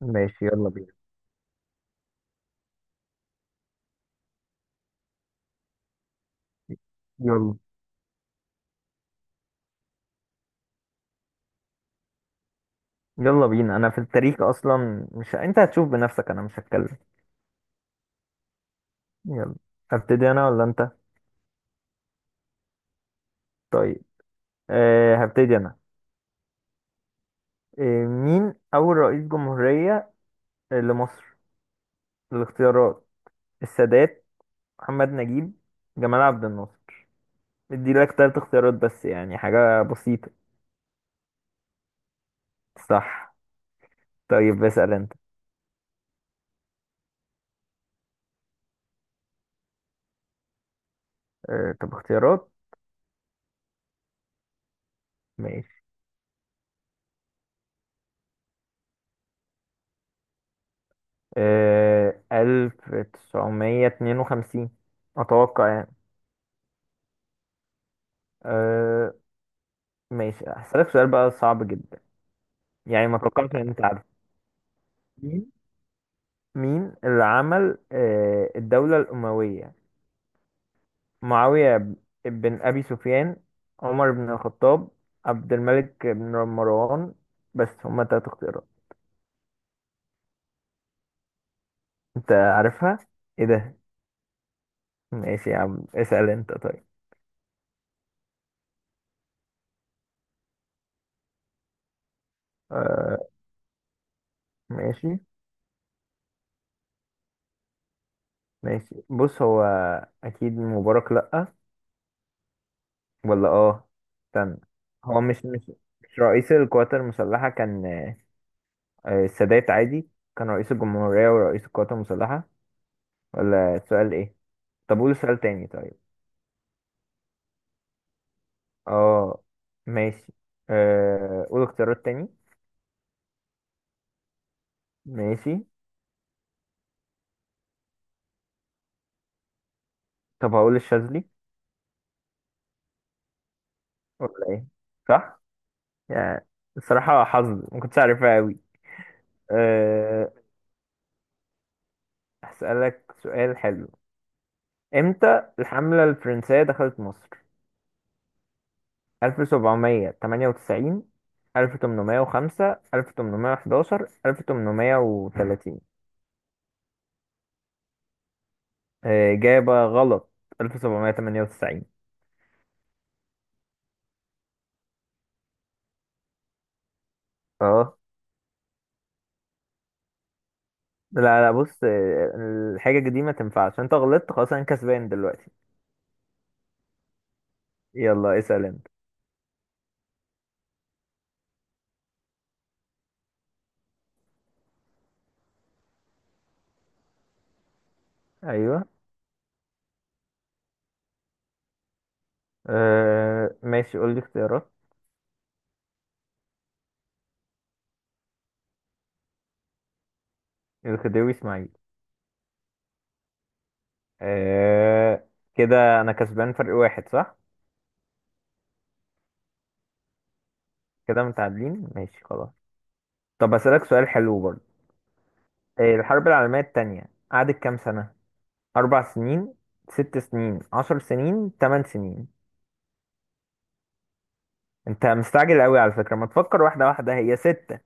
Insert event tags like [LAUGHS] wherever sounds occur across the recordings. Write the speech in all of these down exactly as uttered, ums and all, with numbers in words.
ماشي يلا بينا. يلا يلا بينا، انا في التاريخ اصلا، مش، انت هتشوف بنفسك، انا مش هتكلم. يلا. هبتدي انا ولا انت؟ طيب. أه هبتدي انا. أه مين اول رئيس جمهورية آه، لمصر؟ الاختيارات: السادات، محمد نجيب، جمال عبد الناصر. ادي لك ثلاث اختيارات بس، يعني حاجة بسيطة. صح. طيب اسأل انت. أه طب اختيارات. ماشي. أه ألف تسعمية اتنين وخمسين اتوقع يعني. آه، ماشي. هسألك سؤال بقى صعب جدا. يعني ما توقعتش ان انت عارف. مين مين اللي عمل آه، الدولة الأموية؟ معاوية ب- بن أبي سفيان، عمر بن الخطاب، عبد الملك بن مروان. بس هما تلات اختيارات. انت عارفها؟ ايه ده. ماشي يا عم، اسأل انت طيب. آه ماشي. ماشي بص، هو اكيد مبارك لأ. ولا اه؟ استنى. هو مش مش مش رئيس القوات المسلحة كان؟ آه، السادات عادي كان رئيس الجمهورية ورئيس القوات المسلحة. ولا السؤال ايه؟ طب قول سؤال تاني طيب. اه. ماشي. آه، قول اختيارات تاني. ماشي. طب هقول الشاذلي. ولا ايه؟ صح. يعني الصراحة حظ، ما كنتش عارفها قوي. أه هسألك سؤال حلو. امتى الحملة الفرنسية دخلت مصر؟ ألف سبعمية تمنية وتسعين، ألف تمنمية وخمسة، ألف تمنمية حداشر، ألف تمنمية وتلاتين. إجابة غلط. ألف سبعمية تمنية وتسعين. اه. لا لا، بص آه، الحاجة دي ما تنفعش، انت غلطت خلاص، انا كسبان دلوقتي. يلا اسأل انت. ايوه. آه ماشي، قول لي اختيارات. الخديوي اسماعيل. آه كده انا كسبان فرق واحد، صح. كده متعادلين، ماشي خلاص. طب اسألك سؤال حلو برضه. آه الحرب العالمية التانية قعدت كام سنة؟ اربع سنين، ست سنين، عشر سنين، تمن سنين. انت مستعجل قوي على فكرة، ما تفكر واحدة واحدة، هي ست.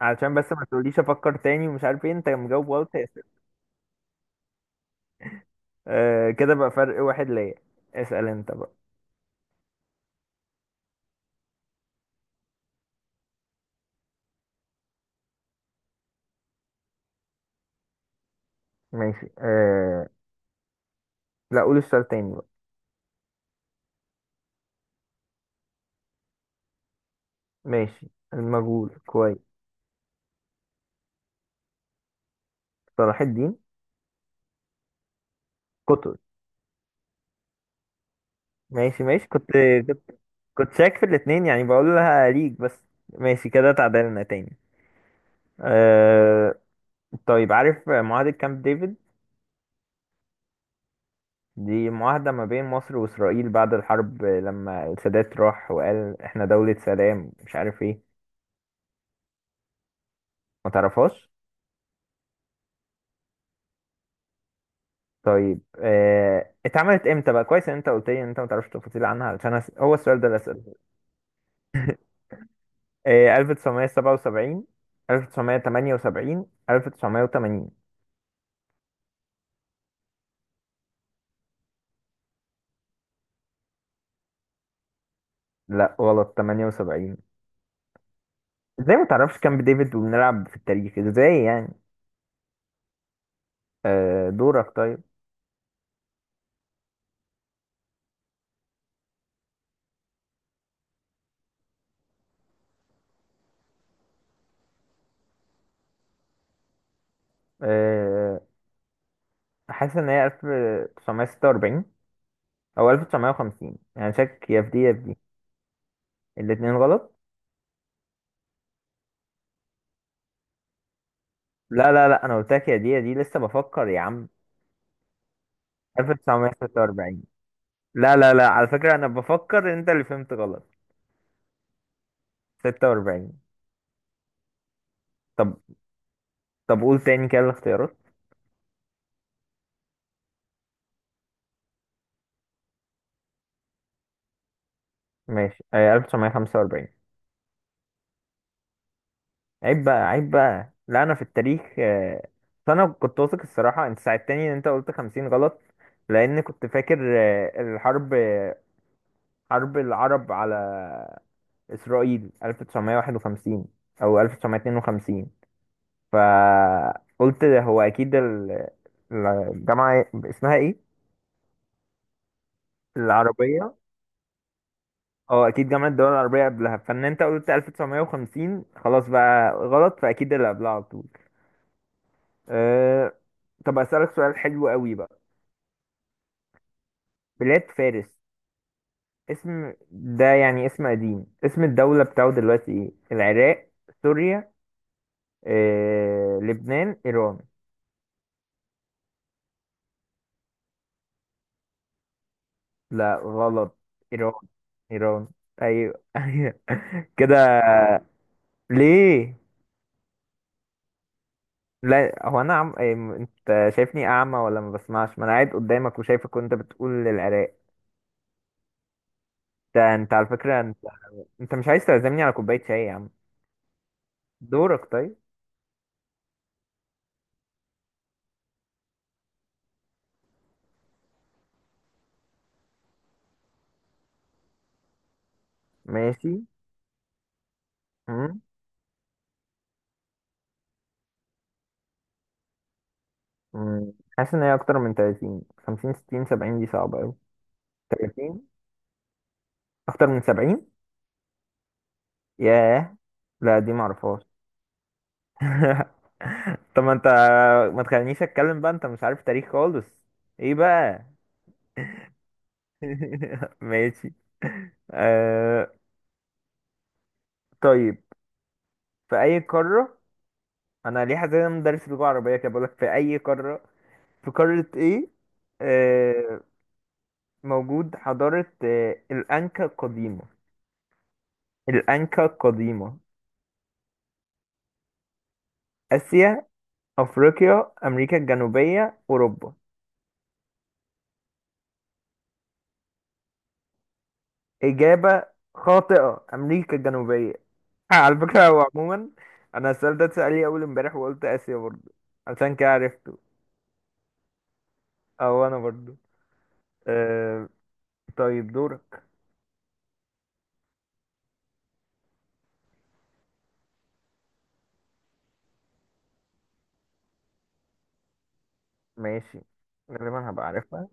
علشان بس ما تقوليش افكر تاني ومش عارف ايه، انت مجاوب غلط يا اسف. آه كده بقى فرق واحد ليا، اسأل انت بقى. ماشي. آه لا، قول السؤال تاني بقى. ماشي، المغول كويس. صلاح الدين. قطز. ماشي ماشي، كنت كنت كنت شاك في الاتنين يعني بقول لها ليك بس. ماشي كده تعادلنا تاني. آه طيب، عارف معاهدة كامب ديفيد؟ دي معاهدة ما بين مصر وإسرائيل بعد الحرب، لما السادات راح وقال احنا دولة سلام مش عارف ايه. ما تعرفهاش؟ طيب، آه، اتعملت امتى بقى؟ كويس ان انت قلت لي ان انت ما تعرفش تفاصيل عنها، علشان أس... هو السؤال ده اللي اساله. آه، ألف تسعمية سبعة وسبعين، ألف تسعمية تمنية وسبعين، ألف وتسعمائة وثمانين. لا غلط، ثمانية وسبعين. ازاي ما تعرفش كامب ديفيد وبنلعب في التاريخ، ازاي يعني. آه، دورك طيب. آه، حاسس ان هي ألف تسعمية ستة وأربعين او ألف تسعمية وخمسين يعني، شك يا في دي يا في دي. الاتنين غلط؟ لا لا لا، انا قلت لك يا دي يا دي، لسه بفكر يا عم. ألف تسعمية ستة وأربعين. لا لا لا، على فكرة أنا بفكر، أنت اللي فهمت غلط. ستة وأربعين. طب طب قول تاني كده الاختيارات. ماشي، آه، ألف تسعمية خمسة وأربعين. عيب بقى عيب بقى، لا أنا في التاريخ. آه، بس أنا كنت واثق الصراحة، أنت ساعدتني إن أنت قلت خمسين غلط. لأن كنت فاكر آه، الحرب آه، حرب العرب على إسرائيل ألف تسعمية واحد وخمسين أو ألف تسعمية اتنين وخمسين، فقلت هو أكيد ال- الجامعة اسمها إيه؟ العربية. اه اكيد جامعة الدول العربية قبلها، فان انت قلت ألف وتسعمائة وخمسين خلاص بقى غلط، فاكيد اللي قبلها على طول. أه... طب اسألك سؤال حلو قوي بقى. بلاد فارس، اسم ده يعني اسم قديم، اسم الدولة بتاعه دلوقتي ايه؟ العراق، سوريا، أه... لبنان، ايران. لا غلط، ايران. ايران. ايوه. [LAUGHS] ايوه. كده؟ ليه؟ لا، هو انا عم... إيه، انت شايفني اعمى ولا ما بسمعش؟ ما انا قاعد قدامك وشايفك وانت بتقول العراق. ده انت على فكرة، انت انت مش عايز تعزمني على كوباية شاي يا عم. دورك طيب. ماشي. مم. مم. حاسس ان هي اكتر من تلاتين، خمسين، ستين، سبعين، دي صعبة اوي. تلاتين. اكتر من سبعين. ياه، لا دي معرفهاش. [LAUGHS] طب ما انت، ما تخلينيش اتكلم بقى، انت مش عارف تاريخ خالص. ايه بقى. [LAUGHS] ماشي. آه... طيب، في اي قارة؟ انا ليه حاسس ان انا مدرس لغة عربية كده بقولك في اي قارة؟ في قارة ايه آه، موجود حضارة آه، الأنكا القديمة؟ الأنكا القديمة. آسيا، أفريقيا، أمريكا الجنوبية، أوروبا. إجابة خاطئة، أمريكا الجنوبية. [LAUGHS] آه، على فكرة هو عموما أنا السؤال ده اتسأل لي أول امبارح وقلت آسيا برضه، عشان كده عرفته. أو أنا برضه. أه. طيب دورك. ماشي. غالبا هبقى عارفها.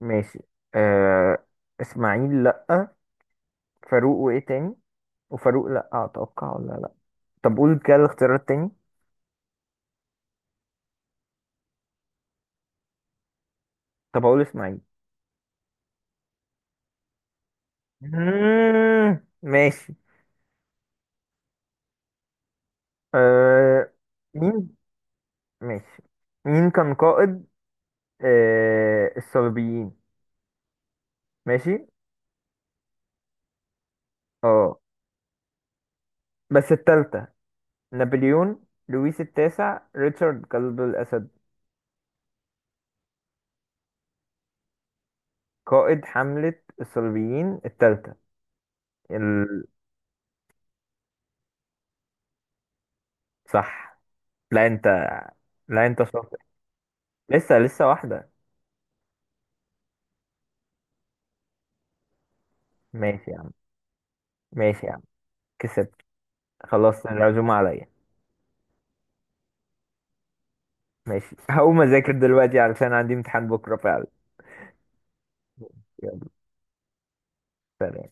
ماشي. أه إسماعيل لأ. فاروق وإيه تاني؟ وفاروق لأ أتوقع ولا لأ؟ طب قول كده الاختيارات تاني. طب اقول اسماعيل. مم، ماشي. أه مين. ماشي. مين كان قائد أه الصليبيين؟ ماشي. اه بس التالتة. نابليون، لويس التاسع، ريتشارد قلب الأسد. قائد حملة الصليبيين التالتة. ال... صح. لا انت. لا انت شاطر. لسه لسه واحدة. ماشي يا عم. ماشي يا عم. كسبت. خلاص العزومة عليا. ماشي هقوم اذاكر دلوقتي علشان عندي امتحان بكرة. فعلا. سلام.